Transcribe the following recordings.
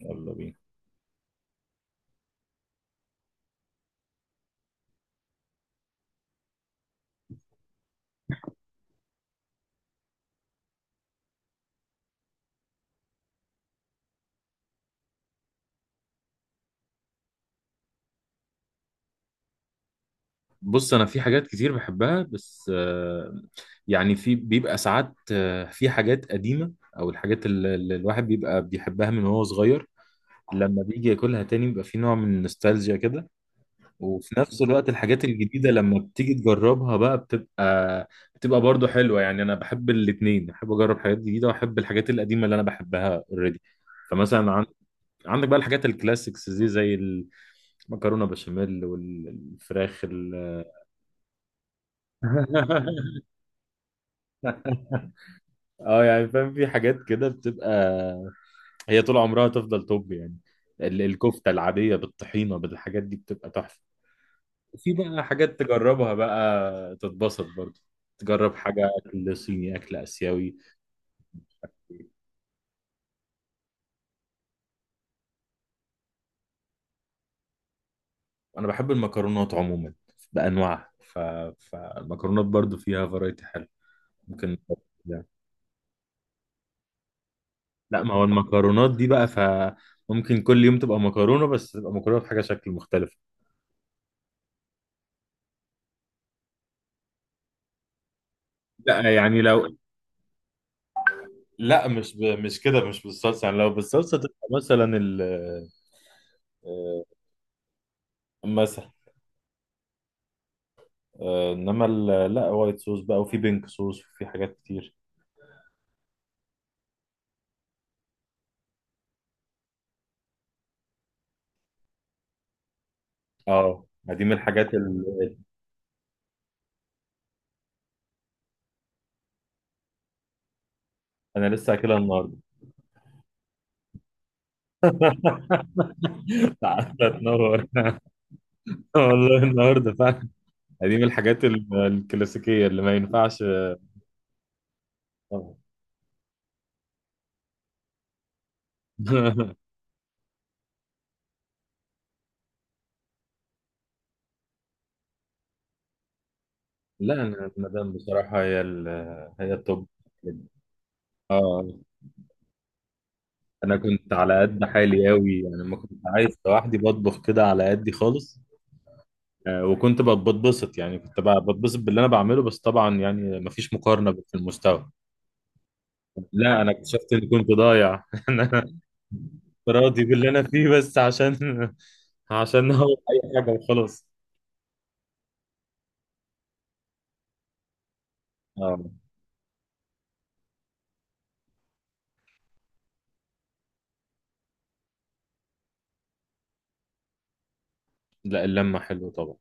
يلا بينا. بص، انا في حاجات كتير بحبها بس يعني في بيبقى ساعات، في حاجات قديمة او الحاجات اللي الواحد بيبقى بيحبها من وهو صغير، لما بيجي ياكلها تاني بيبقى في نوع من النوستالجيا كده. وفي نفس الوقت الحاجات الجديدة لما بتيجي تجربها بقى بتبقى برضو حلوة. يعني انا بحب الاتنين، بحب اجرب حاجات جديدة واحب الحاجات القديمة اللي انا بحبها اوريدي. فمثلا عندك بقى الحاجات الكلاسيكس دي زي المكرونة بشاميل والفراخ. اه يعني فاهم، في حاجات كده بتبقى هي طول عمرها تفضل توب يعني. الكفتة العادية بالطحينة بالحاجات دي بتبقى تحفة. في بقى حاجات تجربها بقى تتبسط برضه، تجرب حاجة أكل صيني أكل آسيوي. أنا بحب المكرونات عموما بأنواعها ف... فالمكرونات برضه فيها فرايتي حلو ممكن يعني. لا، ما هو المكرونات دي بقى فممكن كل يوم تبقى مكرونة، بس تبقى مكرونة بحاجة شكل مختلف. لا يعني لو، لا مش كده، مش بالصلصه. يعني لو بالصلصه تبقى مثلا ال، آه، مثلا، آه، انما ال... لا وايت صوص بقى، وفي بينك صوص، وفي حاجات كتير. اه، ما دي من الحاجات اللي انا لسه اكلها النهارده. تعالى تنور. والله النهارده فعلا دي من الحاجات الكلاسيكيه اللي ما ينفعش. طبعا. لا، انا المدام بصراحه هي ال... هي التوب. اه. انا كنت على قد حالي قوي يعني، ما كنت عايز لوحدي بطبخ كده على قدي خالص. وكنت بتبسط يعني، كنت بتبسط باللي انا بعمله، بس طبعا يعني مفيش مقارنه في المستوى. لا انا اكتشفت اني كنت ضايع ان انا راضي باللي انا فيه بس عشان عشان هو اي حاجه وخلاص. اه. لا، اللمه حلوه طبعا.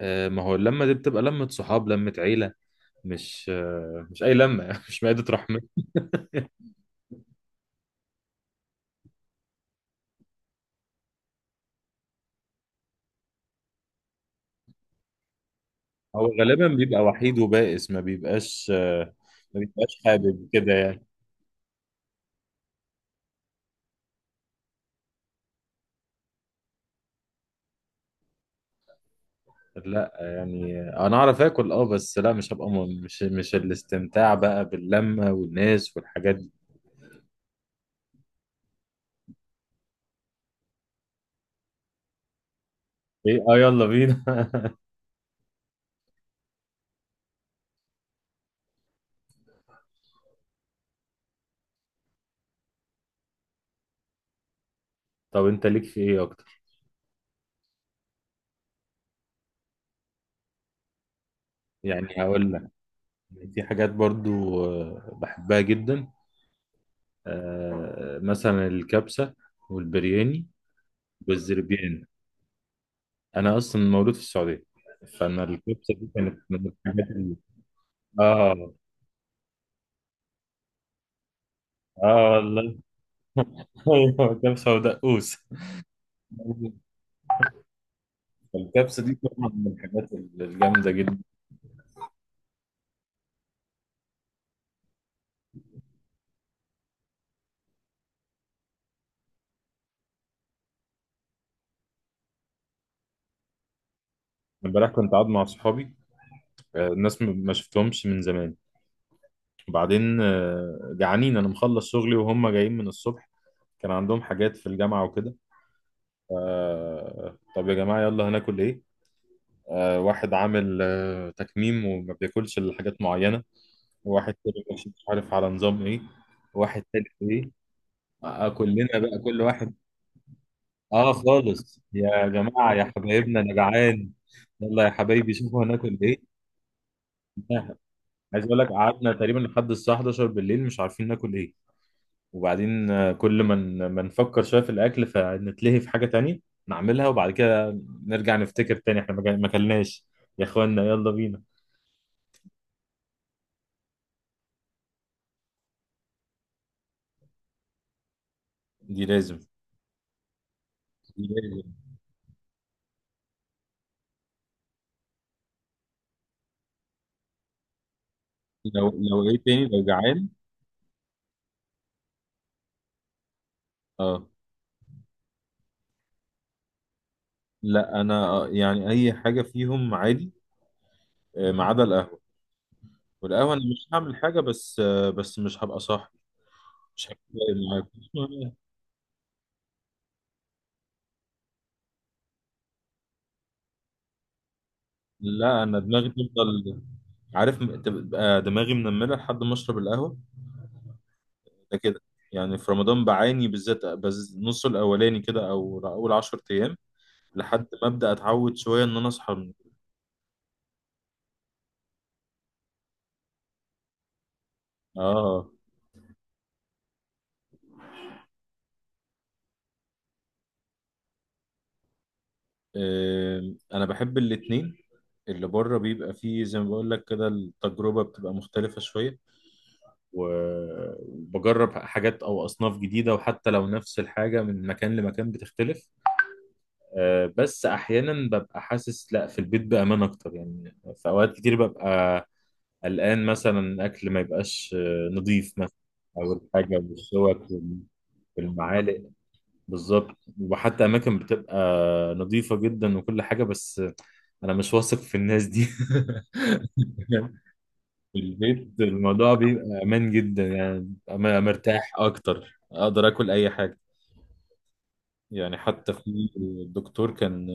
ما هو اللمه دي بتبقى لمه صحاب، لمه عيله، مش مش اي لمه مش مائده رحمه. هو غالبا بيبقى وحيد وبائس، ما بيبقاش، ما بيبقاش حابب كده يعني. لا يعني انا اعرف اكل، اه، بس لا مش هبقى مش الاستمتاع بقى باللمه والناس والحاجات دي. ايه اه، يلا بينا. طب انت ليك في ايه اكتر؟ يعني هقول لك، يعني في حاجات برضو بحبها جدا، مثلا الكبسه والبرياني والزربيان. انا اصلا مولود في السعوديه، فانا الكبسه دي كانت من الحاجات اللي، اه اه والله. ايوه كبسه ودقوس. الكبسة دي طبعا من الحاجات الجامدة جدا. امبارح كنت قاعد مع صحابي، الناس ما شفتهمش من زمان. وبعدين جعانين، أنا مخلص شغلي وهم جايين من الصبح، كان عندهم حاجات في الجامعة وكده. طب يا جماعة يلا هناكل إيه؟ واحد عامل تكميم وما بياكلش إلا حاجات معينة، وواحد تاني مش عارف على نظام إيه، واحد تالت إيه، كلنا بقى كل واحد. آه خالص يا جماعة يا حبايبنا أنا جعان، يلا يا حبايبي شوفوا هناكل إيه. آه، عايز اقول لك قعدنا تقريبا لحد الساعه 11 بالليل مش عارفين ناكل ايه. وبعدين كل ما نفكر شويه في الاكل فنتلهي في حاجه تانية نعملها، وبعد كده نرجع نفتكر تاني احنا ما اكلناش. يا اخوانا يلا بينا. دي لازم. دي لازم. لو لو ايه تاني، لو جعان. اه. لا انا، يعني اي حاجه فيهم عادي، ما عدا القهوه. والقهوه انا مش هعمل حاجه بس بس مش هبقى صاحي، مش هبقى معاك. لا انا دماغي تفضل، عارف، تبقى دماغي منمله لحد ما اشرب القهوه. ده كده يعني، في رمضان بعاني بالذات بز نص الاولاني كده او اول 10 ايام لحد ما ابدا اتعود شويه ان انا اصحى من. اه. آم، انا بحب الاتنين. اللي بره بيبقى فيه زي ما بقول لك كده، التجربه بتبقى مختلفه شويه، وبجرب حاجات او اصناف جديده، وحتى لو نفس الحاجه من مكان لمكان بتختلف. بس احيانا ببقى حاسس لا في البيت بامان اكتر، يعني في اوقات كتير ببقى قلقان مثلا الاكل ما يبقاش نظيف مثلا، او الحاجه والشوك والمعالق. بالظبط، وحتى اماكن بتبقى نظيفه جدا وكل حاجه، بس انا مش واثق في الناس دي. في البيت الموضوع بيبقى امان جدا يعني، أنا مرتاح اكتر اقدر اكل اي حاجه. يعني حتى في الدكتور كان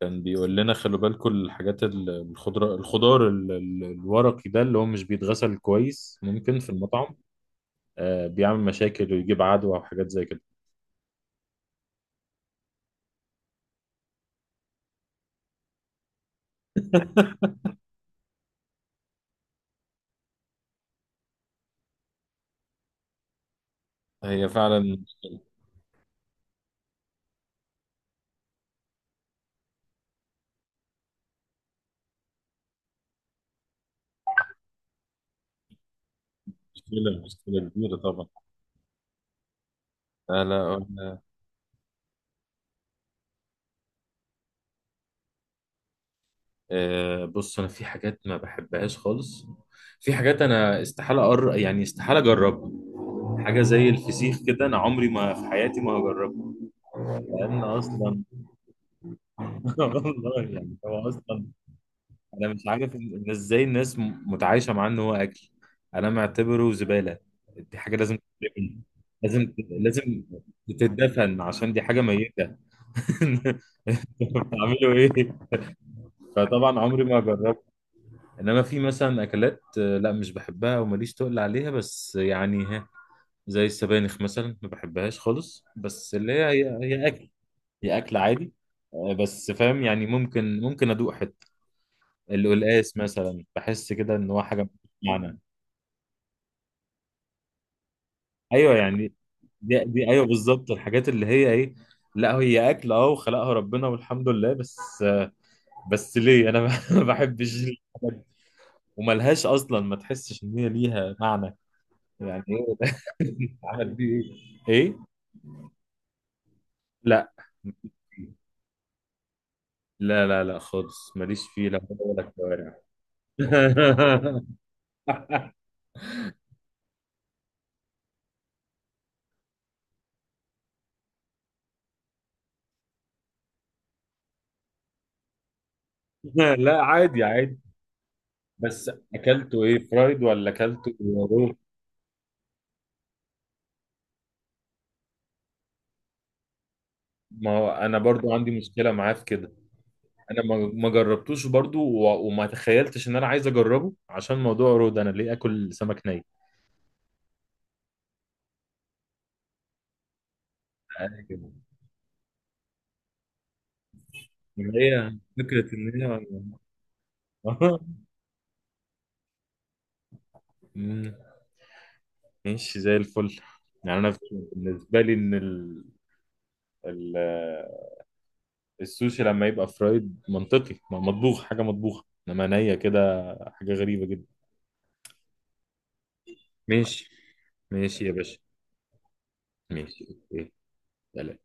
كان بيقول لنا خلوا بالكم الحاجات الخضرة، الخضار الورقي ده اللي هو مش بيتغسل كويس ممكن في المطعم بيعمل مشاكل ويجيب عدوى وحاجات زي كده. هي فعلا مشكلة، مشكلة كبيرة طبعا. لا لا أنا-، بص أنا في حاجات ما بحبهاش خالص، في حاجات أنا استحالة أقر، يعني استحالة أجربها. حاجة زي الفسيخ كده أنا عمري ما في حياتي ما هجربها، لأن أصلا، والله يعني هو أصلا انا مش عارف إن ازاي الناس متعايشه معاه ان هو اكل. انا معتبره زباله، دي حاجه لازم تترمي. لازم لازم تتدفن، عشان دي حاجه ميته. انتوا بتعملوا ايه؟ فطبعا عمري ما جربت. انما في مثلا اكلات، لا مش بحبها وماليش تقل عليها بس يعني ها، زي السبانخ مثلا ما بحبهاش خالص، بس اللي هي اكل، هي اكل عادي. بس فاهم يعني، ممكن ممكن ادوق حته. القلقاس مثلا بحس كده ان هو حاجه ملهاش معنى. ايوه يعني، دي ايوه بالظبط الحاجات اللي هي ايه. لا هي اكل اه، وخلقها ربنا والحمد لله، بس بس ليه انا ما بحبش الحاجات دي. وملهاش اصلا، ما تحسش ان هي ليها معنى، يعني ايه ده. عمل بيه؟ ايه ايه؟ لا لا خالص ماليش فيه، لا هدى ولا كوارع. لا عادي عادي. بس اكلته ايه، فرايد ولا اكلته رو؟ ما هو انا برضو عندي مشكله معاه في كده. انا ما جربتوش برضو، وما تخيلتش ان انا عايز اجربه، عشان موضوع رود، انا ليه اكل سمك ني. أنا كده. إن هي فكره ان هي. مم. ماشي زي الفل. يعني انا بالنسبه لي ان ال... ال... السوشي لما يبقى فرايد منطقي، ما مطبوخ حاجه مطبوخه، انما نيه كده حاجه غريبه جدا. ماشي. ماشي يا باشا. ماشي اوكي. سلام.